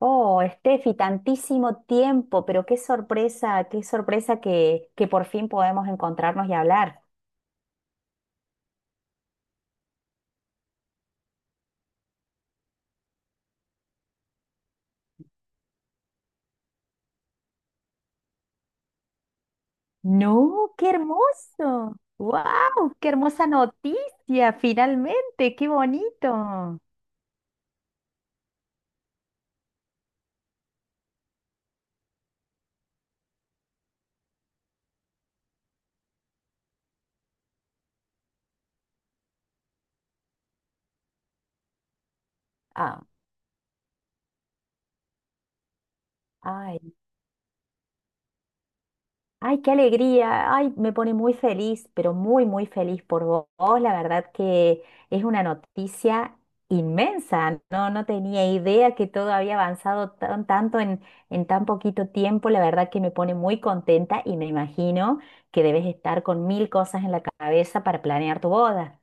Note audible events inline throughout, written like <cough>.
Oh, Steffi, tantísimo tiempo, pero qué sorpresa, qué sorpresa que por fin podemos encontrarnos y hablar. No, qué hermoso. ¡Wow! ¡Qué hermosa noticia! Finalmente, qué bonito. Ah, ay. Ay, qué alegría. Ay, me pone muy feliz, pero muy, muy feliz por vos. La verdad que es una noticia inmensa. No, no tenía idea que todo había avanzado tanto en tan poquito tiempo. La verdad que me pone muy contenta y me imagino que debes estar con mil cosas en la cabeza para planear tu boda.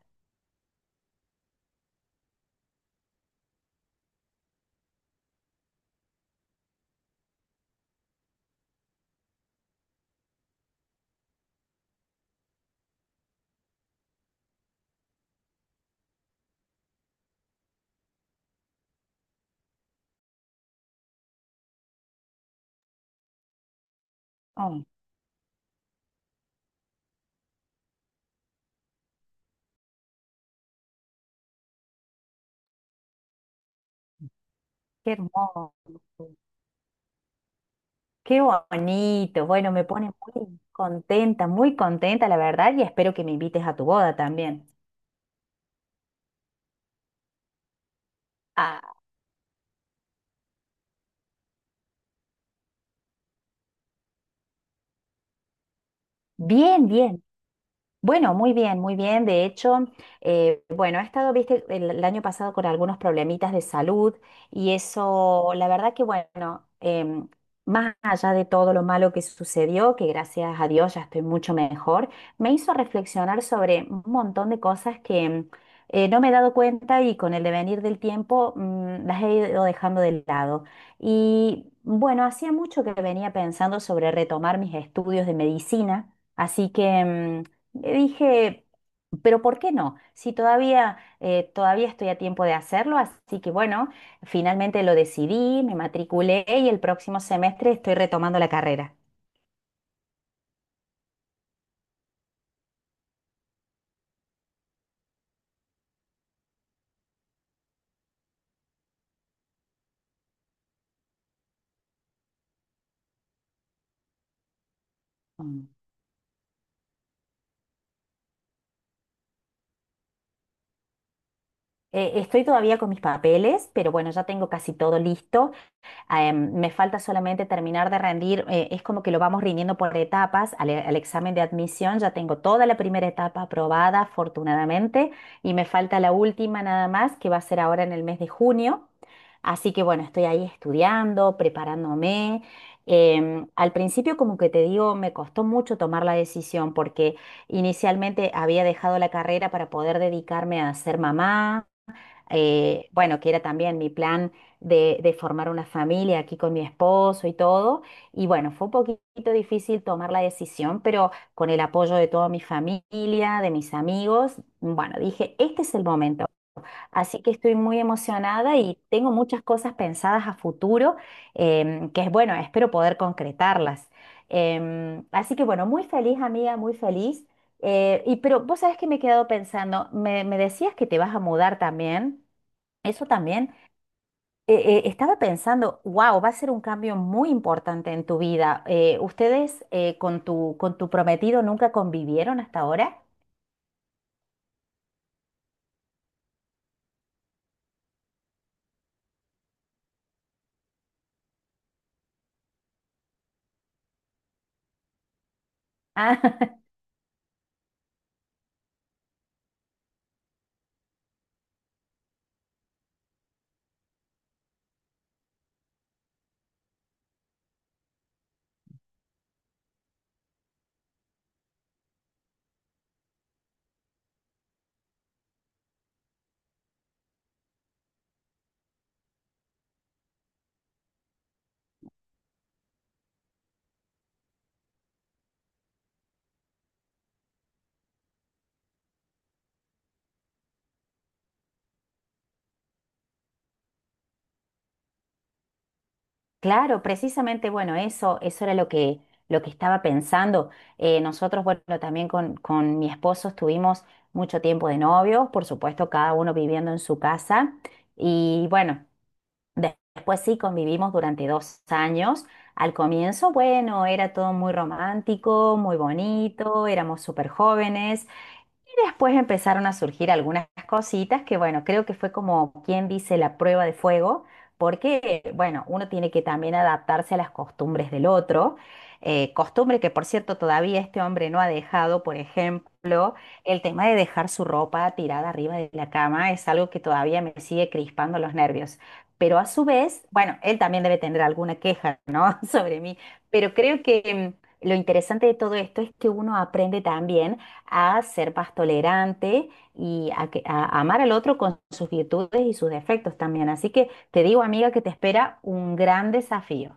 Oh, qué hermoso. Qué bonito. Bueno, me pone muy contenta, la verdad, y espero que me invites a tu boda también. Ah, bien, bien. Bueno, muy bien, muy bien. De hecho, bueno, he estado, viste, el año pasado con algunos problemitas de salud y eso, la verdad que, bueno, más allá de todo lo malo que sucedió, que gracias a Dios ya estoy mucho mejor, me hizo reflexionar sobre un montón de cosas no me he dado cuenta y con el devenir del tiempo las he ido dejando de lado. Y bueno, hacía mucho que venía pensando sobre retomar mis estudios de medicina, así que. Le dije, pero ¿por qué no? Si todavía, todavía estoy a tiempo de hacerlo, así que bueno, finalmente lo decidí, me matriculé y el próximo semestre estoy retomando la carrera. Mm. Estoy todavía con mis papeles, pero bueno, ya tengo casi todo listo. Me falta solamente terminar de rendir, es como que lo vamos rindiendo por etapas. Al examen de admisión ya tengo toda la primera etapa aprobada, afortunadamente, y me falta la última nada más, que va a ser ahora en el mes de junio. Así que bueno, estoy ahí estudiando, preparándome. Al principio, como que te digo, me costó mucho tomar la decisión porque inicialmente había dejado la carrera para poder dedicarme a ser mamá. Bueno, que era también mi plan de formar una familia aquí con mi esposo y todo. Y bueno, fue un poquito difícil tomar la decisión, pero con el apoyo de toda mi familia, de mis amigos, bueno, dije, este es el momento. Así que estoy muy emocionada y tengo muchas cosas pensadas a futuro, que es bueno, espero poder concretarlas. Así que bueno, muy feliz, amiga, muy feliz. Y pero vos sabés que me he quedado pensando, me decías que te vas a mudar también. Eso también. eh, estaba pensando, wow, va a ser un cambio muy importante en tu vida. ¿Ustedes con con tu prometido nunca convivieron hasta ahora? Ah, <laughs> claro, precisamente, bueno, eso era lo lo que estaba pensando. Nosotros, bueno, también con mi esposo estuvimos mucho tiempo de novios, por supuesto, cada uno viviendo en su casa. Y bueno. Después sí convivimos durante 2 años. Al comienzo, bueno, era todo muy romántico, muy bonito, éramos súper jóvenes, y después empezaron a surgir algunas cositas que, bueno, creo que fue como quien dice la prueba de fuego, porque, bueno, uno tiene que también adaptarse a las costumbres del otro. Costumbre que, por cierto, todavía este hombre no ha dejado, por ejemplo, el tema de dejar su ropa tirada arriba de la cama es algo que todavía me sigue crispando los nervios. Pero a su vez, bueno, él también debe tener alguna queja, ¿no? <laughs> sobre mí, pero creo que. Lo interesante de todo esto es que uno aprende también a ser más tolerante y a amar al otro con sus virtudes y sus defectos también. Así que te digo, amiga, que te espera un gran desafío.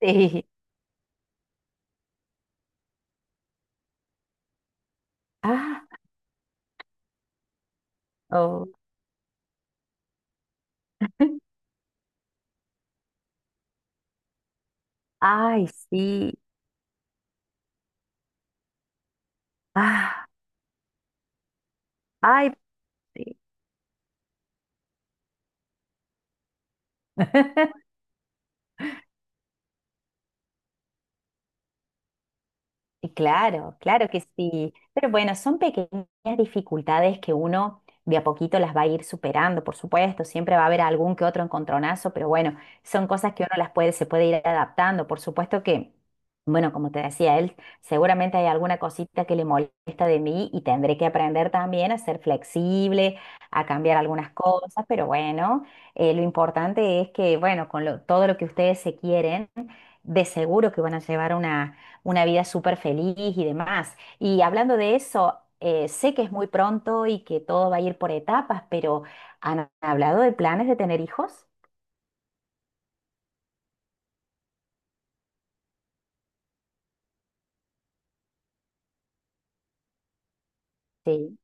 Sí. <laughs> Ah, oh. Ay, sí. Ah, ay, sí. <laughs> Y claro, claro que sí. Pero bueno, son pequeñas dificultades que uno de a poquito las va a ir superando, por supuesto. Siempre va a haber algún que otro encontronazo, pero bueno, son cosas que uno las puede, se puede ir adaptando. Por supuesto que, bueno, como te decía él, seguramente hay alguna cosita que le molesta de mí y tendré que aprender también a ser flexible, a cambiar algunas cosas, pero bueno, lo importante es que, bueno, con todo lo que ustedes se quieren, de seguro que van a llevar una vida súper feliz y demás. Y hablando de eso, sé que es muy pronto y que todo va a ir por etapas, pero ¿han hablado de planes de tener hijos? Sí.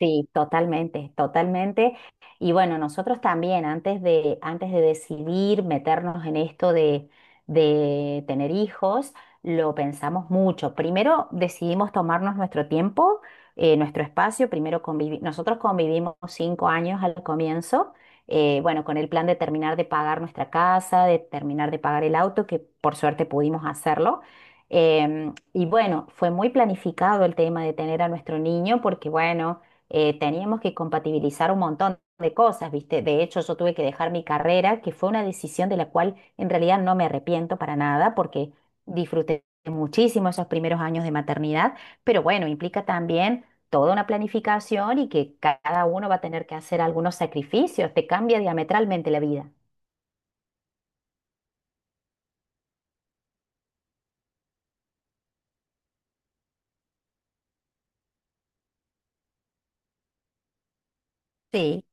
Sí, totalmente, totalmente. Y bueno, nosotros también, antes antes de decidir meternos en esto de tener hijos, lo pensamos mucho. Primero decidimos tomarnos nuestro tiempo, nuestro espacio. Nosotros convivimos 5 años al comienzo, bueno, con el plan de terminar de pagar nuestra casa, de terminar de pagar el auto, que por suerte pudimos hacerlo. Y bueno, fue muy planificado el tema de tener a nuestro niño, porque bueno teníamos que compatibilizar un montón de cosas, ¿viste? De hecho, yo tuve que dejar mi carrera, que fue una decisión de la cual en realidad no me arrepiento para nada, porque disfruté muchísimo esos primeros años de maternidad, pero bueno, implica también toda una planificación y que cada uno va a tener que hacer algunos sacrificios, te cambia diametralmente la vida. Sí.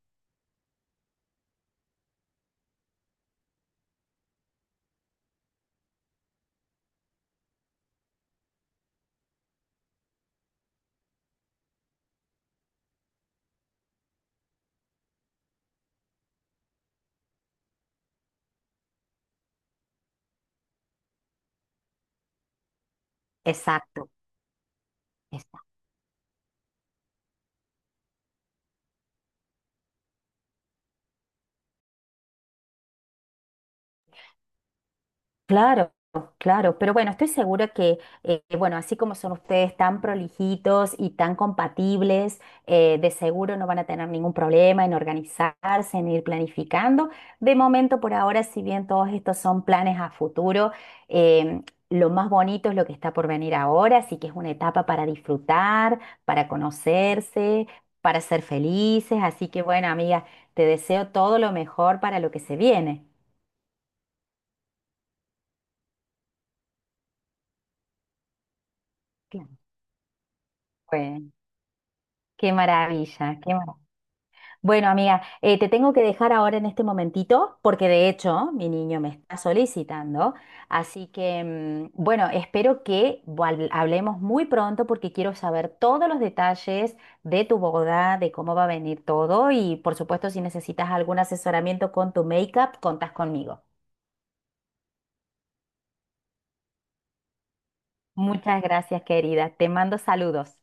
Exacto. Exacto. Claro, claro, pero bueno, estoy segura que, bueno, así como son ustedes tan prolijitos y tan compatibles, de seguro no van a tener ningún problema en organizarse, en ir planificando. De momento, por ahora, si bien todos estos son planes a futuro, em, lo más bonito es lo que está por venir ahora, así que es una etapa para disfrutar, para conocerse, para ser felices. Así que, bueno, amiga, te deseo todo lo mejor para lo que se viene. Claro. Bueno. Qué maravilla, qué maravilla. Bueno, amiga, te tengo que dejar ahora en este momentito porque de hecho mi niño me está solicitando, así que, bueno, espero que hablemos muy pronto porque quiero saber todos los detalles de tu boda, de cómo va a venir todo y por supuesto si necesitas algún asesoramiento con tu make-up, contás conmigo. Muchas gracias, querida. Te mando saludos.